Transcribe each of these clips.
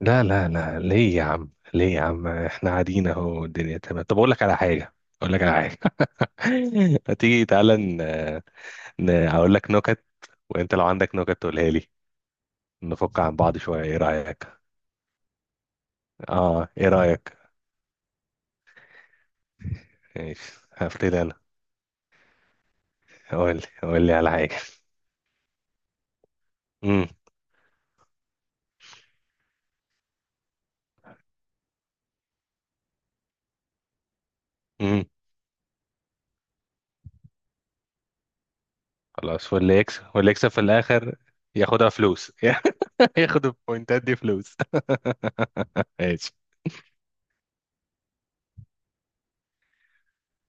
لا لا لا ليه يا عم ليه يا عم احنا قاعدين اهو، الدنيا تمام. طب اقول لك على حاجه. ما تيجي تعالى اقول لك نكت. وانت لو عندك نكت تقولها لي. نفك عن بعض شويه، ايه رايك؟ اه، ايه رايك؟ ماشي، هبتدي انا. قول لي على حاجه. امم امم خلاص، واللي يكسب في الاخر ياخدها فلوس. ياخد البوينتات دي فلوس. ماشي.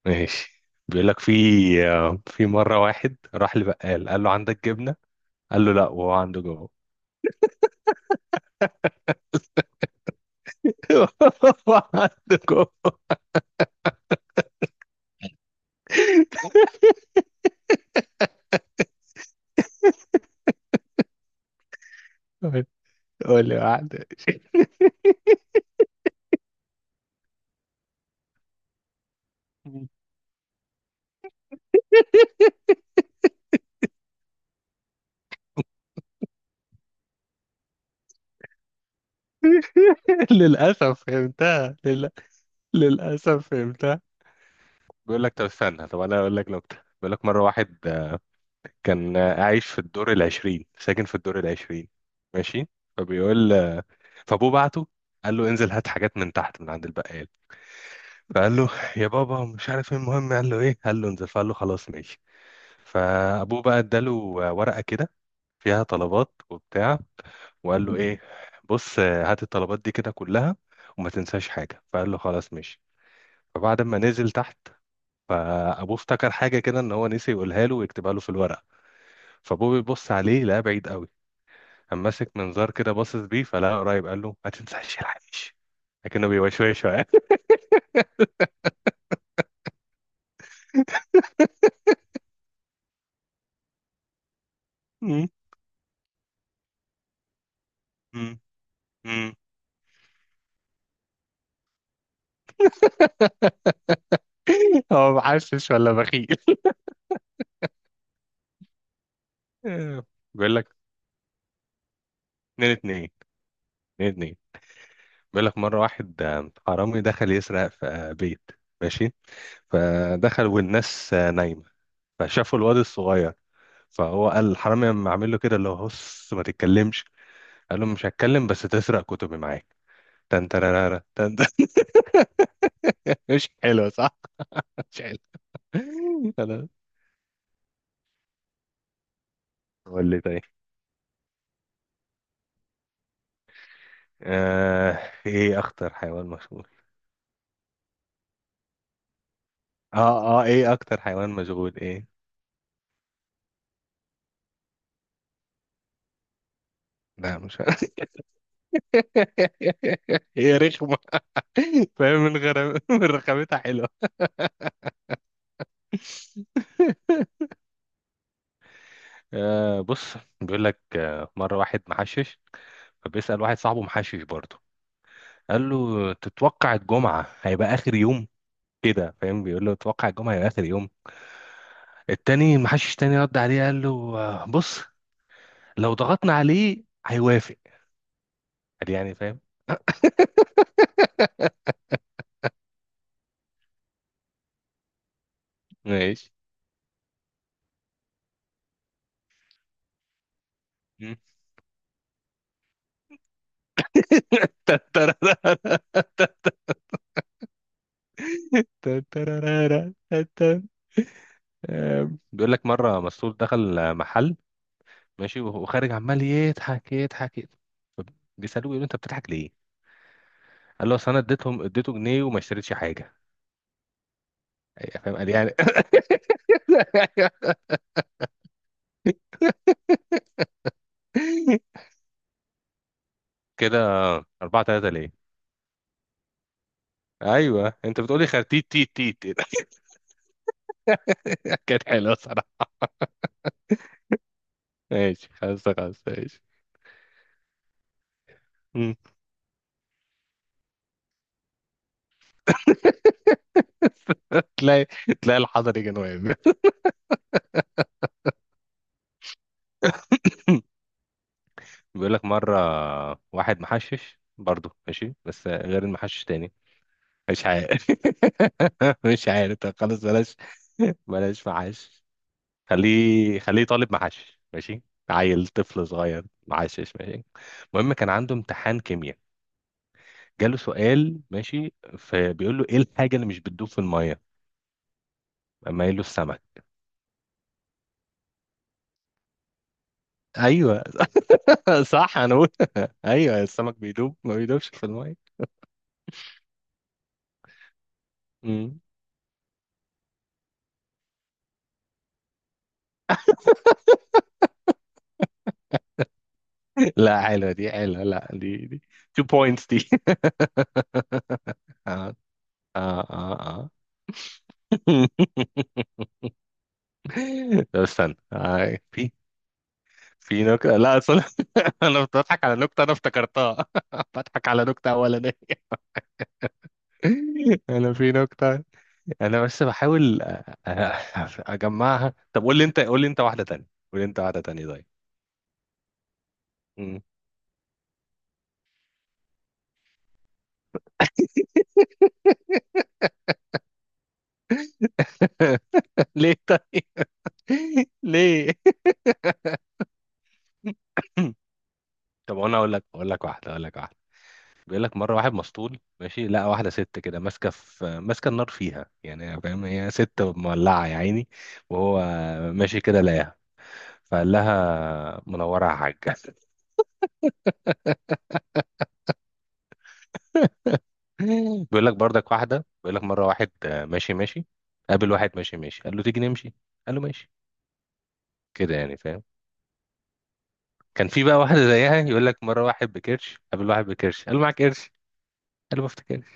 ماشي. بيقول لك في مره واحد راح لبقال، قال له عندك جبنه؟ قال له لا، وهو عنده جوه. هو عنده جوه. قول لي واحدة. للأسف فهمتها للأسف فهمتها. بيقول لك طب استنى، طب أنا أقول لك نكتة. بيقول لك مرة واحد كان عايش في الدور العشرين، ساكن في الدور العشرين. ماشي. فبيقول آه، فأبوه بعته، قال له انزل هات حاجات من تحت من عند البقال. فقال له يا بابا مش عارف ايه، المهم قال له ايه؟ قال له انزل. فقال له خلاص ماشي. فأبوه بقى اداله ورقة كده فيها طلبات وبتاع، وقال له ايه، بص هات الطلبات دي كده كلها وما تنساش حاجه. فقال له خلاص ماشي. فبعد ما نزل تحت، فابوه افتكر حاجه كده ان هو نسي يقولها له ويكتبها له في الورقه. فابوه بيبص عليه لقاه بعيد قوي، قام ماسك منظار كده باصص بيه فلقاه قريب، قال له ما تنساش العيش. لكنه بيوشوشه يعني. مم. مم. مم. هو محشش ولا بخيل؟ بيقول لك اتنين اتنين. اتنين اتنين. بيقول لك مرة واحد حرامي دخل يسرق في بيت. ماشي. فدخلوا والناس نايمة، فشافوا الواد الصغير. فهو قال الحرامي لما عامل له كده اللي هو هص، ما تتكلمش. قال له مش هتكلم، بس تسرق كتبي معاك. تن ترارارا، تن تن. مش حلو صح؟ مش حلو. خلاص. قول لي طيب. آه، ايه اخطر حيوان مشهور؟ اه، اه، ايه اكتر حيوان مشغول، ايه؟ لا، مش هي رخمة. فاهم من غير من رخامتها. آه بص، بيقول لك آه مرة واحد محشش، فبيسأل واحد صاحبه محشش برضه، قال له تتوقع الجمعة هيبقى آخر يوم؟ كده، فاهم؟ بيقول له تتوقع الجمعة هيبقى آخر يوم. التاني المحشش تاني رد عليه، قال له آه بص، لو ضغطنا عليه هيوافق. قال يعني، فاهم. ماشي. مم. تترارارا، تترارارا. بيقول لك مرة مسطول دخل محل ماشي، وخارج عمال يضحك يضحك يضحك. بيسألوه، يقول له انت بتضحك ليه؟ قال له اصل انا اديته جنيه وما اشتريتش حاجه. فاهم، قال يعني. كده 4-3، ليه؟ ايوه انت بتقولي خرتيت تيت تيت. كانت حلوه صراحه. ماشي، خمسة خمسة. ماشي. مم. تلاقي تلاقي الحضر يجي واقف. بيقول لك مرة واحد محشش برضه، ماشي بس غير المحشش تاني. مش عارف. مش عارف. طب خلاص، بلاش، بلاش محشش. خليه، خليه طالب محشش ماشي، عيل طفل صغير محشش ماشي. المهم كان عنده امتحان كيمياء، جاله سؤال، ماشي. فبيقول له ايه الحاجه اللي مش بتدوب في الميه؟ اما قال له السمك. ايوه. صح، انا بقول. ايوه، السمك ما بيدوبش في الميه. مم. لا، حلوه دي، حلوه، لا، دي 2 بوينتس دي. اه، اه، اه، اه. طب استنى، في نكتة، لا اصل انا بضحك على نكتة انا افتكرتها. بضحك على نكتة اولانية. انا في نكتة، انا بس بحاول اجمعها. طب قول لي انت واحده تانية، طيب. مم. ليه طيب؟ ليه؟ طب انا اقول لك واحده. بيقول لك مره واحد مسطول ماشي، لقى واحده ست كده ماسكه النار فيها يعني، فاهم؟ هي ست مولعه يا عيني. وهو ماشي كده لقاها، فقال لها منوره يا حاجه. بيقول لك برضك واحده، بيقول لك مره واحد ماشي ماشي، قابل واحد ماشي ماشي، قال له تيجي نمشي. قال له ماشي. كده يعني، فاهم؟ كان في بقى واحدة زيها. يقول لك مرة واحد بكرش قابل واحد بكرش، قال له معاك قرش؟ قال له ما افتكرش.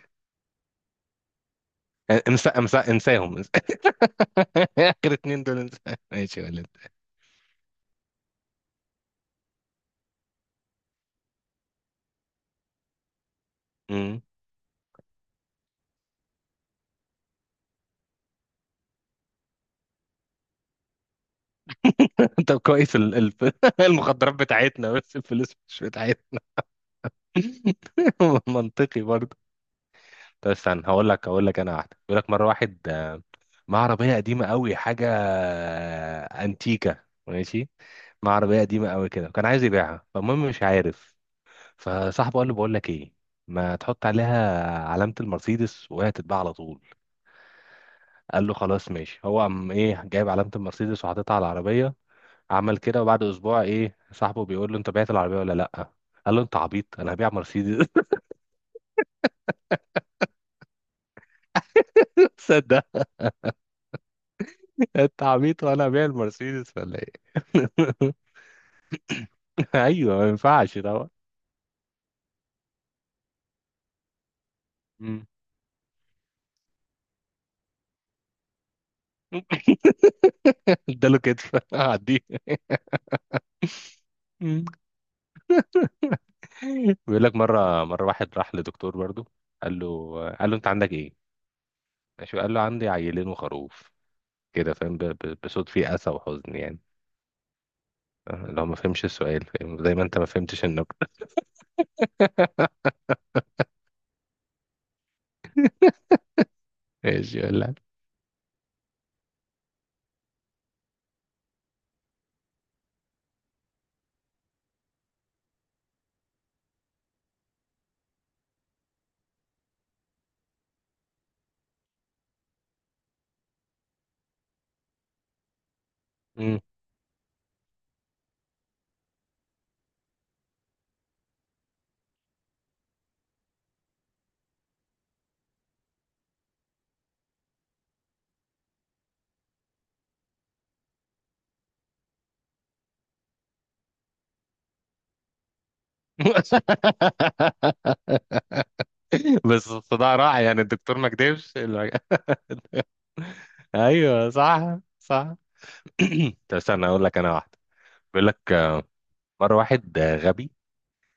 انسى، انسى، انساهم، انسى. اخر اتنين دول انسى. ماشي يا ولد. مم. طب كويس، المخدرات بتاعتنا بس الفلوس مش بتاعتنا. منطقي برضه. طب استنى، هقول لك انا واحدة. يقول لك مرة واحد مع عربية قديمة قوي حاجة انتيكة، ماشي. مع عربية قديمة قوي كده، كان عايز يبيعها، فالمهم مش عارف. فصاحبه قال له بقول لك ايه، ما تحط عليها علامة المرسيدس وهي تتباع على طول. قال له خلاص ماشي. هو قام ايه، جايب علامة المرسيدس وحاططها على العربية. عمل كده، وبعد اسبوع ايه صاحبه بيقول له انت بعت العربية ولا لا؟ قال له انت عبيط، انا هبيع مرسيدس. صدق. انت عبيط، وانا هبيع المرسيدس ولا ايه؟ ايوه، ما ينفعش طبعا. مم. اداله كتف. عديه. مم. بيقول لك مره واحد راح لدكتور برضو. قال له انت عندك ايه؟ ماشي. وقال له عندي عيلين وخروف، كده، فاهم؟ بصوت فيه أسى وحزن يعني. لو ما فهمش السؤال، فاهم زي ما انت ما فهمتش النكتة. ماشي ولا. مم. بس الصداع راح يعني، الدكتور ما كدبش ايوه، صح، صح. طب استنى، اقول لك انا واحده. بيقول لك مره واحد غبي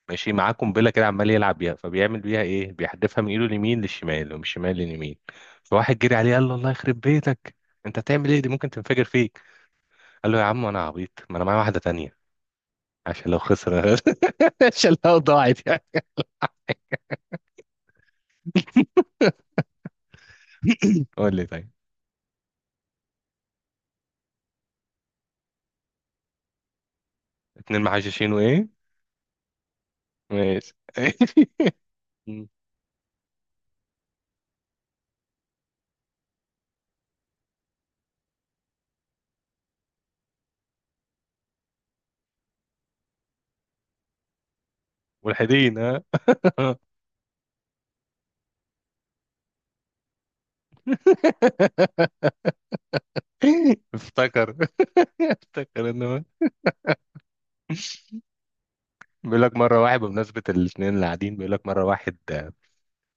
ماشي معاه قنبله كده، عمال يلعب بيها. فبيعمل بيها ايه، بيحدفها من ايده اليمين للشمال ومن الشمال لليمين. فواحد جري عليه قال له الله يخرب بيتك، انت هتعمل ايه دي؟ ممكن تنفجر فيك. قال له يا عم انا عبيط، ما انا معايا واحده تانية، عشان لو خسر عشان لو ضاعت يعني. قول لي طيب. اتنين محششين وايه؟ ماشي. ملحدين، ها. افتكر افتكر ان هو. بيقول لك مره واحد بمناسبه الاثنين اللي قاعدين، بيقول لك مره واحد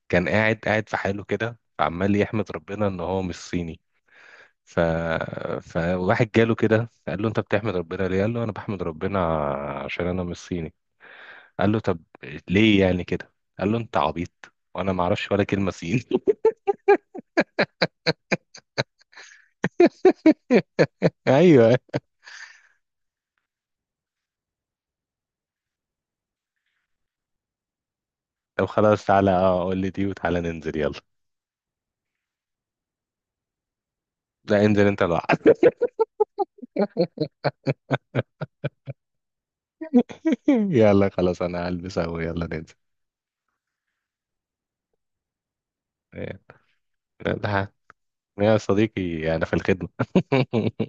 كان قاعد قاعد في حاله كده عمال يحمد ربنا ان هو مش صيني. ف... فواحد جاله كده قال له انت بتحمد ربنا ليه؟ قال له انا بحمد ربنا عشان انا مش صيني. قال له طب ليه يعني كده؟ قال له انت عبيط، وانا ما اعرفش ولا كلمه صيني. ايوه. طب خلاص، تعالى. اه، قول لي دي وتعالى ننزل، يلا. لا، انزل انت لوحدك. يلا خلاص، انا هلبس اهو، يلا ننزل. إيه، لا يا صديقي، انا في الخدمه.